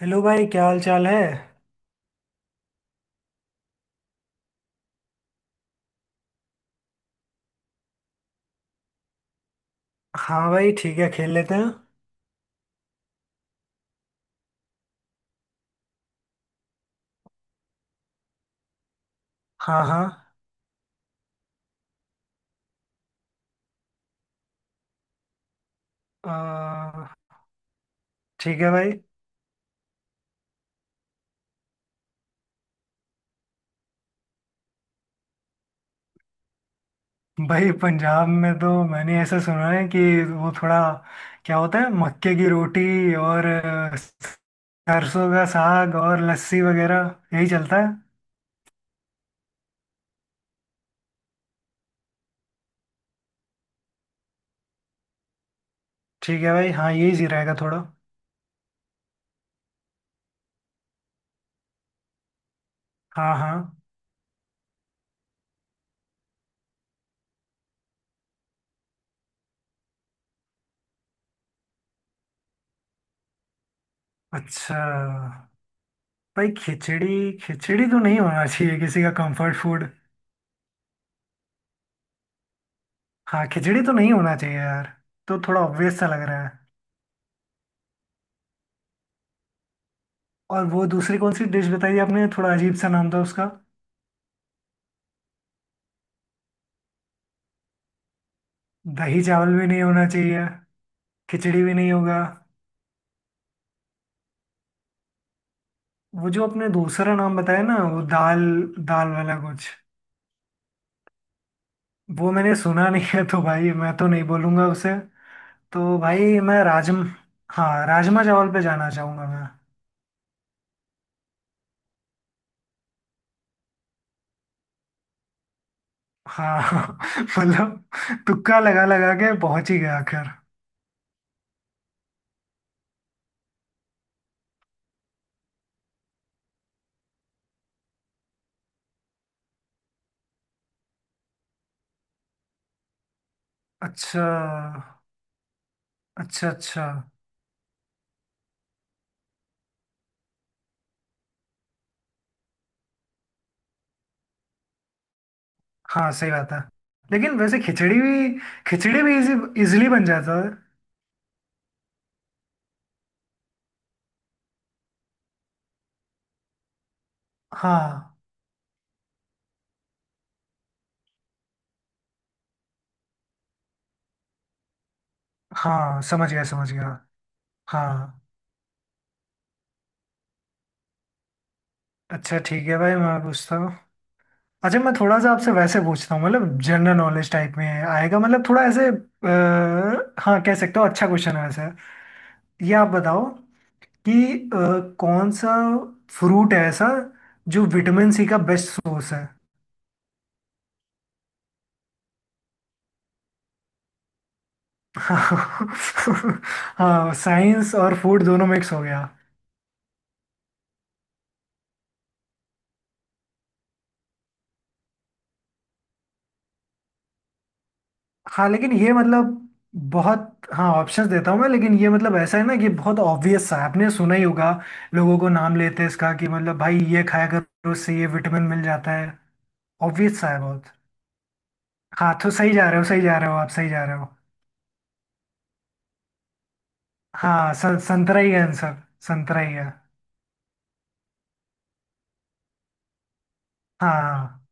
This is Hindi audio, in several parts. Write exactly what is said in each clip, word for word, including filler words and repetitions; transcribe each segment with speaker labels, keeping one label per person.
Speaker 1: हेलो भाई, क्या हाल चाल है? हाँ भाई, ठीक है, खेल लेते हैं। हाँ हाँ। अ, ठीक है भाई। भाई पंजाब में तो मैंने ऐसा सुना है कि वो थोड़ा क्या होता है, मक्के की रोटी और अ, सरसों का साग और लस्सी वगैरह, यही चलता है। ठीक है भाई, हाँ यही जी रहेगा थोड़ा। हाँ हाँ। अच्छा। भाई खिचड़ी, खिचड़ी तो नहीं होना चाहिए किसी का कंफर्ट फूड। हाँ, खिचड़ी तो नहीं होना चाहिए यार। तो थोड़ा ऑब्वियस सा लग रहा है। और वो दूसरी कौन सी डिश बताई आपने, थोड़ा अजीब सा नाम था उसका। दही चावल भी नहीं होना चाहिए। खिचड़ी भी नहीं होगा। वो जो आपने दूसरा नाम बताया ना, वो दाल, दाल वाला कुछ। वो मैंने सुना नहीं है, तो भाई मैं तो नहीं बोलूंगा उसे। तो भाई मैं राजम, हाँ राजमा चावल पे जाना चाहूंगा मैं। हाँ मतलब, तुक्का लगा लगा के पहुंच ही गया आखिर। अच्छा अच्छा अच्छा। हाँ सही बात है। लेकिन वैसे खिचड़ी भी, खिचड़ी भी इजी, इजिली बन जाता है। हाँ हाँ, समझ गया समझ गया। हाँ। अच्छा ठीक है भाई, मैं पूछता हूँ। अच्छा, मैं थोड़ा सा आपसे वैसे पूछता हूँ, मतलब जनरल नॉलेज टाइप में आएगा, मतलब थोड़ा ऐसे आ, हाँ कह सकते हो, अच्छा क्वेश्चन है वैसे। ये आप बताओ कि अ, कौन सा फ्रूट है ऐसा जो विटामिन सी का बेस्ट सोर्स है? हाँ, साइंस और फूड दोनों मिक्स हो गया। हाँ लेकिन ये मतलब, बहुत, हाँ ऑप्शंस देता हूँ मैं, लेकिन ये मतलब ऐसा है ना कि बहुत ऑब्वियस सा है, आपने सुना ही होगा लोगों को, नाम लेते हैं इसका कि मतलब भाई ये खाया करो, उससे ये विटामिन मिल जाता है। ऑब्वियस सा है बहुत। हाँ तो सही जा रहे हो, सही जा रहे हो आप, सही जा रहे हो। हाँ सन, संतरा ही है आंसर, संतरा ही है। हाँ हाँ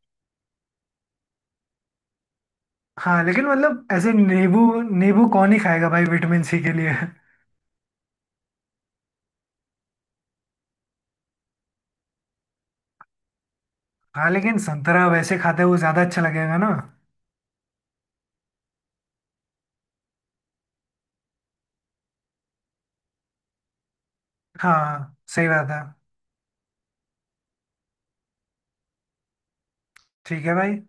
Speaker 1: हाँ। लेकिन मतलब ऐसे नींबू, नींबू कौन ही खाएगा भाई विटामिन सी के लिए। हाँ लेकिन संतरा वैसे खाते हुए ज़्यादा अच्छा लगेगा ना। हाँ सही बात है। ठीक है भाई।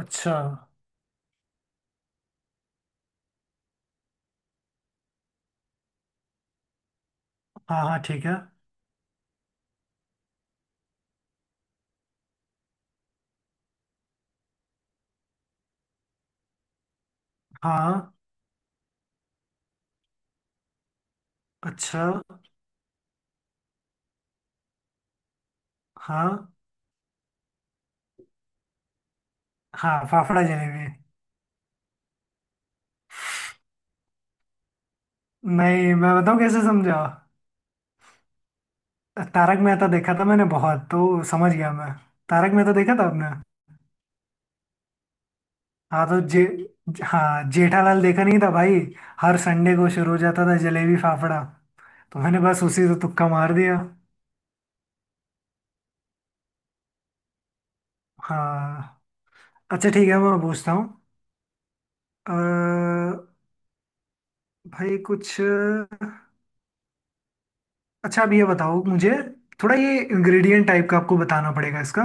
Speaker 1: अच्छा। हाँ हाँ ठीक है। हाँ। अच्छा। हाँ हाँ, फाफड़ा जलेबी। नहीं, मैं बताऊँ कैसे समझा। तारक मेहता देखा था मैंने बहुत, तो समझ गया मैं। तारक मेहता देखा था आपने। हाँ तो जे, हाँ जेठालाल देखा नहीं था भाई, हर संडे को शुरू हो जाता था जलेबी फाफड़ा, तो मैंने बस उसी से तुक्का मार दिया। हाँ। अच्छा ठीक है, मैं पूछता हूँ। अ, भाई कुछ, अच्छा अब ये बताओ मुझे, थोड़ा ये इंग्रेडिएंट टाइप का आपको बताना पड़ेगा इसका।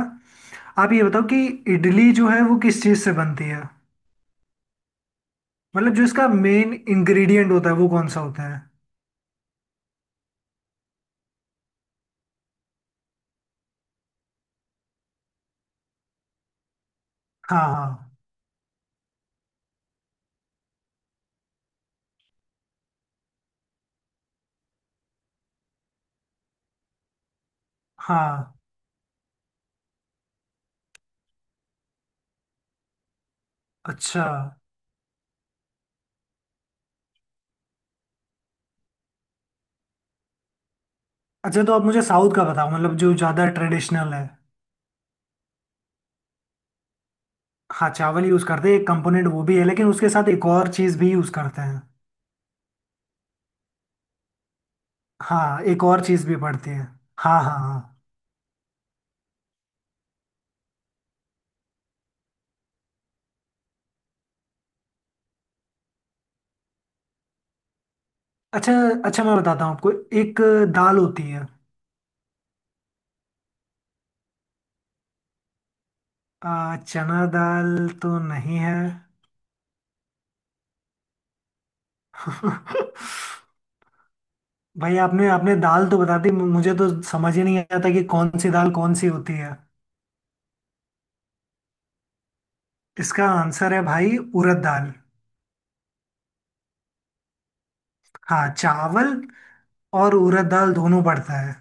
Speaker 1: आप ये बताओ कि इडली जो है वो किस चीज़ से बनती है, मतलब जो इसका मेन इंग्रेडिएंट होता है वो कौन सा होता है? हाँ हाँ हाँ। अच्छा अच्छा, तो आप मुझे साउथ का बताओ, मतलब जो ज़्यादा ट्रेडिशनल है। हाँ चावल यूज़ करते हैं, एक कंपोनेंट वो भी है, लेकिन उसके साथ एक और चीज़ भी यूज़ करते हैं। हाँ, एक और चीज़ भी पड़ती है। हाँ हाँ हाँ। अच्छा अच्छा, मैं बताता हूँ आपको। एक दाल होती है। आ, चना दाल तो नहीं है। भाई आपने, आपने दाल तो बता दी, मु- मुझे तो समझ ही नहीं आता कि कौन सी दाल कौन सी होती है। इसका आंसर है भाई, उड़द दाल। हाँ, चावल और उड़द दाल दोनों पड़ता है।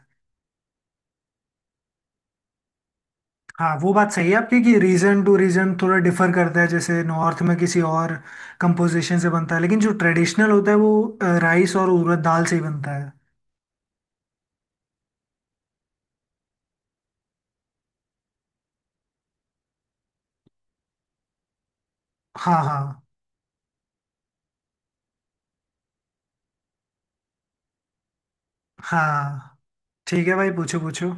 Speaker 1: हाँ वो बात सही है आपकी, कि रीजन टू रीजन थोड़ा डिफर करता है, जैसे नॉर्थ में किसी और कंपोजिशन से बनता है, लेकिन जो ट्रेडिशनल होता है वो राइस और उड़द दाल से ही बनता है। हाँ हाँ हाँ। ठीक है भाई, पूछो पूछो।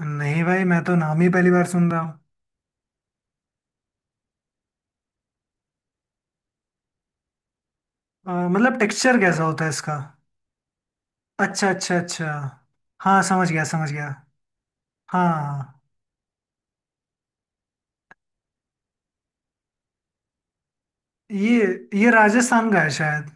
Speaker 1: नहीं भाई, मैं तो नाम ही पहली बार सुन रहा हूँ। अ, मतलब टेक्सचर कैसा होता है इसका? अच्छा अच्छा अच्छा। हाँ समझ गया समझ गया। हाँ। ये ये राजस्थान का है शायद।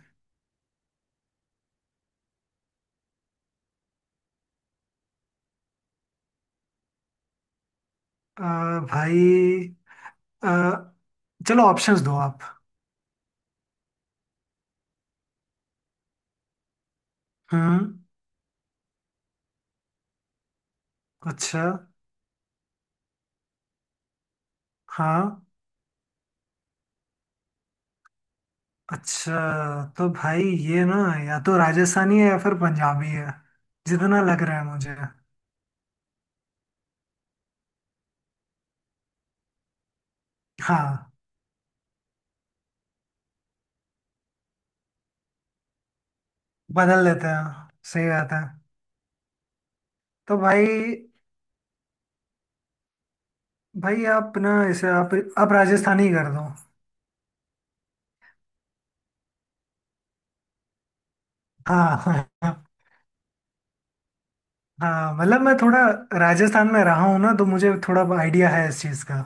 Speaker 1: अ, भाई, अ, चलो ऑप्शंस दो आप। हम्म। अच्छा। हाँ। अच्छा, तो भाई ये ना, या तो राजस्थानी है या फिर पंजाबी है, जितना लग रहा है मुझे। हाँ, बदल लेते हैं, सही बात है। तो भाई, भाई आप ना इसे आप आप राजस्थानी कर दो। हाँ हाँ मतलब, मैं थोड़ा राजस्थान में रहा हूँ ना, तो मुझे थोड़ा आइडिया है इस चीज़ का।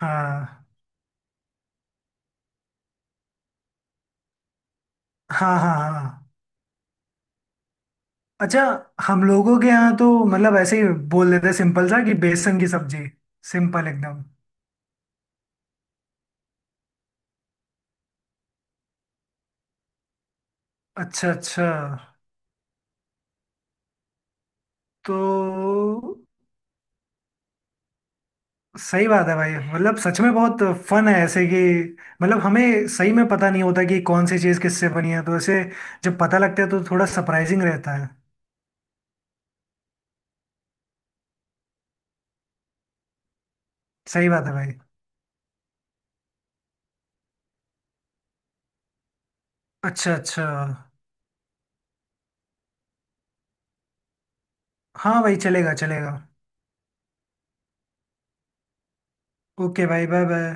Speaker 1: हाँ हाँ हाँ हाँ। अच्छा, हम लोगों के यहाँ तो मतलब ऐसे ही बोल देते हैं, सिंपल सा कि बेसन की सब्जी। सिंपल एकदम। अच्छा अच्छा। तो सही बात है भाई, मतलब सच में बहुत फन है ऐसे कि, मतलब हमें सही में पता नहीं होता कि कौन सी चीज़ किससे बनी है, तो ऐसे जब पता लगता है तो थोड़ा सरप्राइजिंग रहता है। सही बात है भाई। अच्छा अच्छा। हाँ भाई चलेगा चलेगा। ओके भाई, बाय बाय।